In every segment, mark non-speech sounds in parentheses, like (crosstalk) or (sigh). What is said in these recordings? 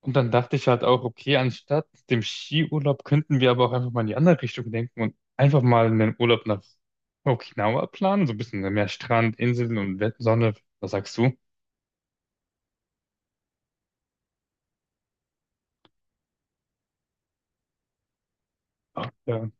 Und dann dachte ich halt auch, okay, anstatt dem Skiurlaub könnten wir aber auch einfach mal in die andere Richtung denken und einfach mal einen Urlaub nach Okinawa planen, so ein bisschen mehr Strand, Inseln und Sonne. Was sagst du? Ach, ja.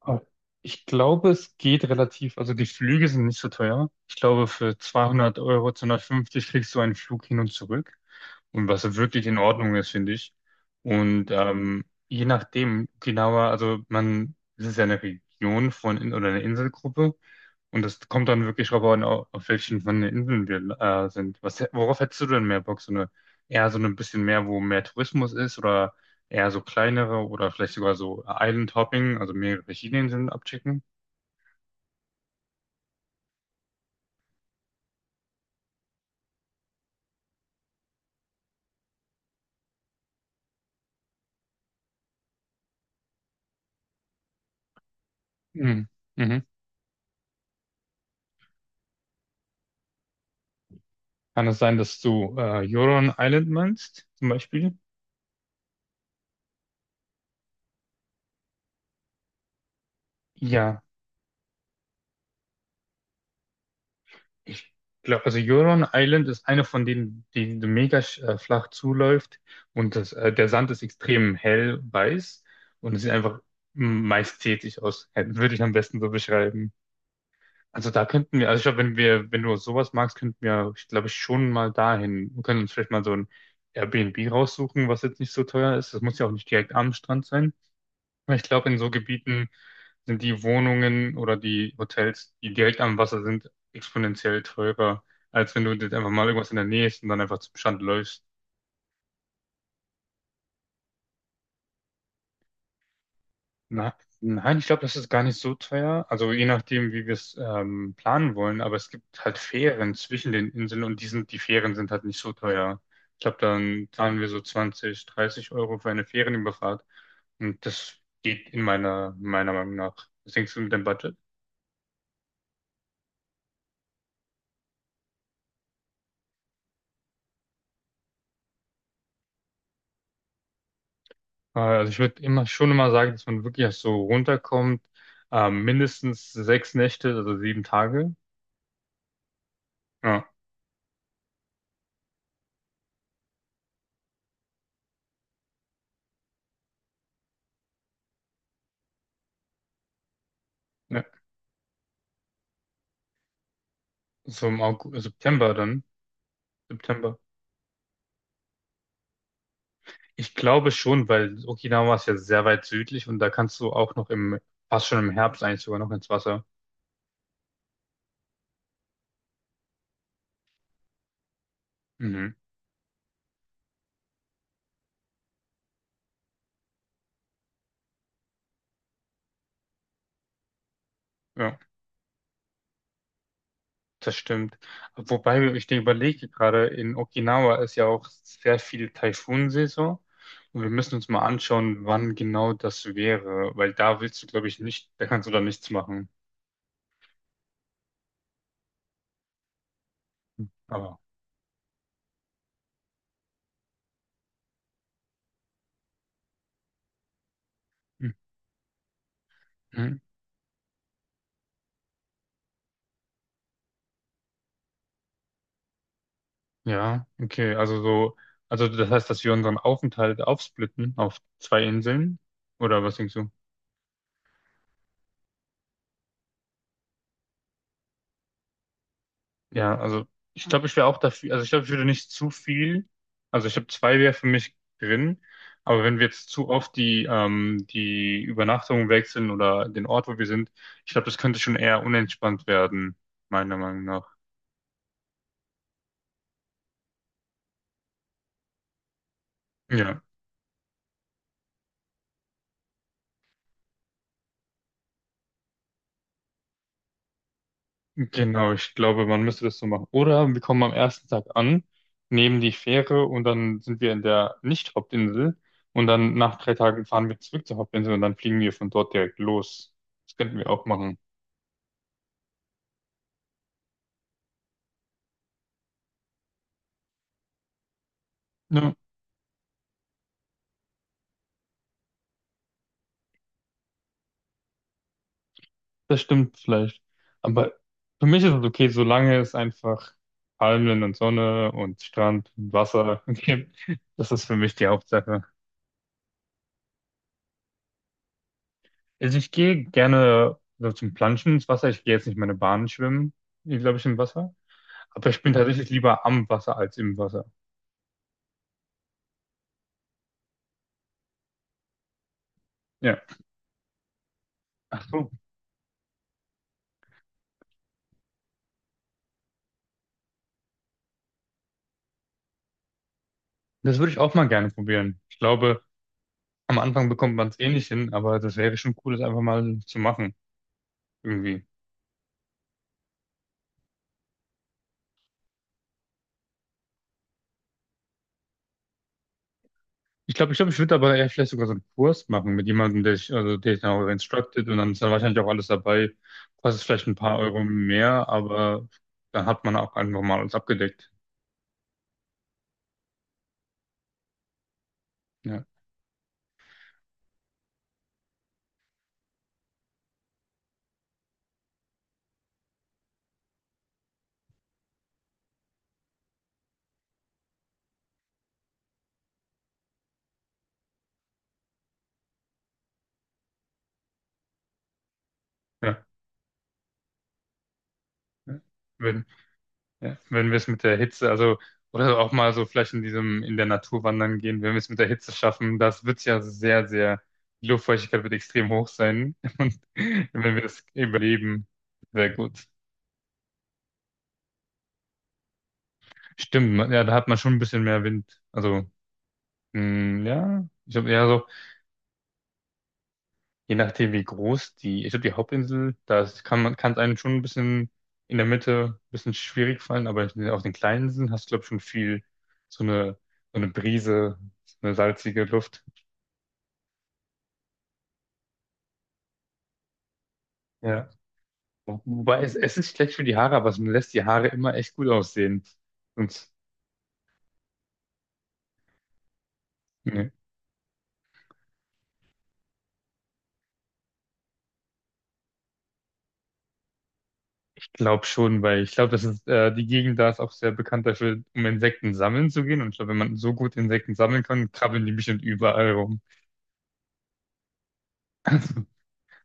Ah, Ich glaube, es geht relativ, also die Flüge sind nicht so teuer. Ich glaube, für 200 Euro, 250 kriegst du einen Flug hin und zurück. Und was wirklich in Ordnung ist, finde ich. Und je nachdem, Okinawa, also man, es ist ja eine Region oder eine Inselgruppe, und das kommt dann wirklich drauf an, auf welchen von den Inseln wir sind. Worauf hättest du denn mehr Bock? Eher so ein bisschen mehr, wo mehr Tourismus ist, oder eher so kleinere oder vielleicht sogar so Island Hopping, also mehrere verschiedene Inseln abchecken? Mhm. Mhm. Kann es sein, dass du Huron Island meinst, zum Beispiel? Ja. Ich glaube, also Huron Island ist eine von denen, die so flach zuläuft, und der Sand ist extrem hell weiß und es sieht einfach majestätisch aus. Würde ich am besten so beschreiben. Also da könnten wir, also ich glaube, wenn wir, wenn du sowas magst, könnten wir, ich glaube, schon mal dahin. Wir können uns vielleicht mal so ein Airbnb raussuchen, was jetzt nicht so teuer ist. Das muss ja auch nicht direkt am Strand sein. Weil ich glaube, in so Gebieten sind die Wohnungen oder die Hotels, die direkt am Wasser sind, exponentiell teurer, als wenn du jetzt einfach mal irgendwas in der Nähe ist und dann einfach zum Strand läufst. Na, nein, ich glaube, das ist gar nicht so teuer. Also je nachdem, wie wir es planen wollen, aber es gibt halt Fähren zwischen den Inseln und die Fähren sind halt nicht so teuer. Ich glaube, dann zahlen wir so 20, 30 Euro für eine Fährenüberfahrt. Und das geht in meiner Meinung nach. Was denkst du mit dem Budget? Also ich würde immer sagen, dass man wirklich erst so runterkommt, mindestens 6 Nächte, also 7 Tage. Ja, ja. So im September dann. September. Ich glaube schon, weil Okinawa ist ja sehr weit südlich und da kannst du auch noch fast schon im Herbst eigentlich sogar noch ins Wasser. Mhm. Ja. Das stimmt. Wobei ich dir überlege, gerade in Okinawa ist ja auch sehr viel Taifunsaison. Und wir müssen uns mal anschauen, wann genau das wäre. Weil da willst du, glaube ich, nicht, da kannst du da nichts machen. Aber. Mhm. Ja, okay. Also das heißt, dass wir unseren Aufenthalt aufsplitten auf zwei Inseln. Oder was denkst du? Ja, also ich glaube, ich wäre auch dafür, also ich glaube, ich würde nicht zu viel, also ich habe zwei wäre für mich drin, aber wenn wir jetzt zu oft die Übernachtung wechseln oder den Ort, wo wir sind, ich glaube, das könnte schon eher unentspannt werden, meiner Meinung nach. Ja, genau, ich glaube, man müsste das so machen. Oder wir kommen am ersten Tag an, nehmen die Fähre und dann sind wir in der Nicht-Hauptinsel, und dann nach 3 Tagen fahren wir zurück zur Hauptinsel und dann fliegen wir von dort direkt los. Das könnten wir auch machen. Das stimmt vielleicht. Aber für mich ist es okay, solange es einfach Palmen und Sonne und Strand und Wasser (laughs) gibt. Das ist für mich die Hauptsache. Also ich gehe gerne so zum Planschen ins Wasser. Ich gehe jetzt nicht meine Bahn schwimmen, glaube ich, im Wasser. Aber ich bin tatsächlich lieber am Wasser als im Wasser. Ja. Ach so. Das würde ich auch mal gerne probieren. Ich glaube, am Anfang bekommt man es eh nicht hin, aber das wäre schon cool, das einfach mal zu machen. Irgendwie. Ich glaube, ich würde aber eher vielleicht sogar so einen Kurs machen mit jemandem, also der ich dann auch instructed, und dann ist dann wahrscheinlich auch alles dabei. Kostet vielleicht ein paar Euro mehr, aber dann hat man auch einfach mal alles abgedeckt. Ja, ja, ja. Wenn, ja. Wenn wir es mit der Hitze, also, oder auch mal so vielleicht in in der Natur wandern gehen, wenn wir es mit der Hitze schaffen, das wird ja die Luftfeuchtigkeit wird extrem hoch sein. (laughs) Und wenn wir das überleben, sehr gut. Stimmt, ja, da hat man schon ein bisschen mehr Wind. Also, mm, ja, ich glaube eher so, je nachdem wie groß ich glaube die Hauptinsel, da kann man, kann es einem schon ein bisschen in der Mitte ein bisschen schwierig fallen, aber auf den kleinen Inseln hast du, glaube ich, schon viel so eine, so eine Brise, so eine salzige Luft. Ja. Wobei es ist schlecht für die Haare, aber es lässt die Haare immer echt gut aussehen. Und ne, ich glaube schon, weil ich glaube, die Gegend da ist auch sehr bekannt dafür, um Insekten sammeln zu gehen. Und ich glaube, wenn man so gut Insekten sammeln kann, krabbeln die bestimmt überall rum.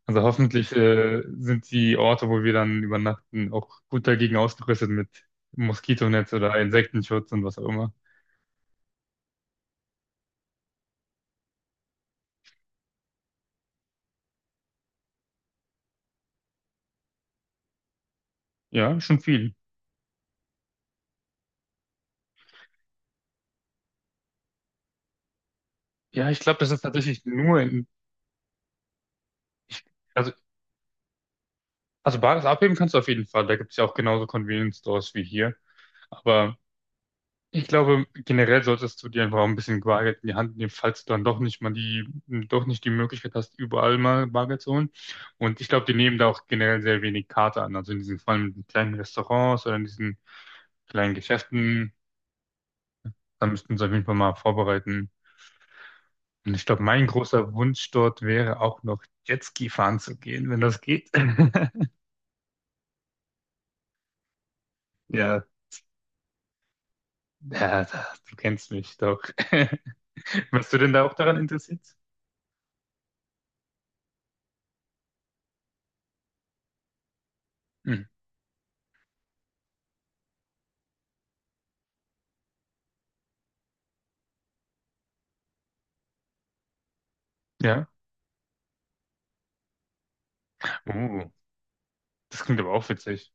Also hoffentlich sind die Orte, wo wir dann übernachten, auch gut dagegen ausgerüstet mit Moskitonetz oder Insektenschutz und was auch immer. Ja, schon viel. Ja, ich glaube, das ist tatsächlich nur in, also, also Bares abheben kannst du auf jeden Fall. Da gibt es ja auch genauso Convenience Stores wie hier. Aber ich glaube, generell solltest du dir einfach auch ein bisschen Bargeld in die Hand nehmen, falls du dann doch nicht mal doch nicht die Möglichkeit hast, überall mal Bargeld zu holen. Und ich glaube, die nehmen da auch generell sehr wenig Karte an. Also in diesen, vor allem in kleinen Restaurants oder in diesen kleinen Geschäften, da müssten sie auf jeden Fall mal vorbereiten. Und ich glaube, mein großer Wunsch dort wäre auch noch Jetski fahren zu gehen, wenn das geht. (laughs) Ja, du kennst mich doch. (laughs) Warst du denn da auch daran interessiert? Hm. Ja. Oh. Das klingt aber auch witzig.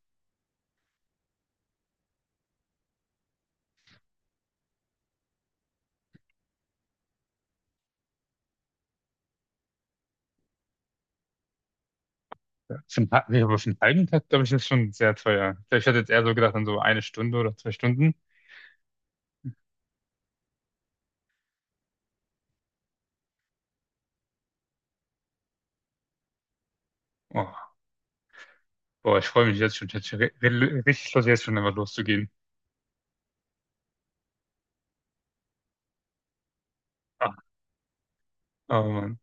Ja. Nee, aber für einen halben Tag, glaube ich, ist schon sehr teuer. Ich glaub, ich hatte jetzt eher so gedacht an so eine Stunde oder 2 Stunden. Oh, boah, ich freue mich jetzt schon. Ich hätte schon richtig Lust, jetzt schon einfach loszugehen. Ah, oh Mann.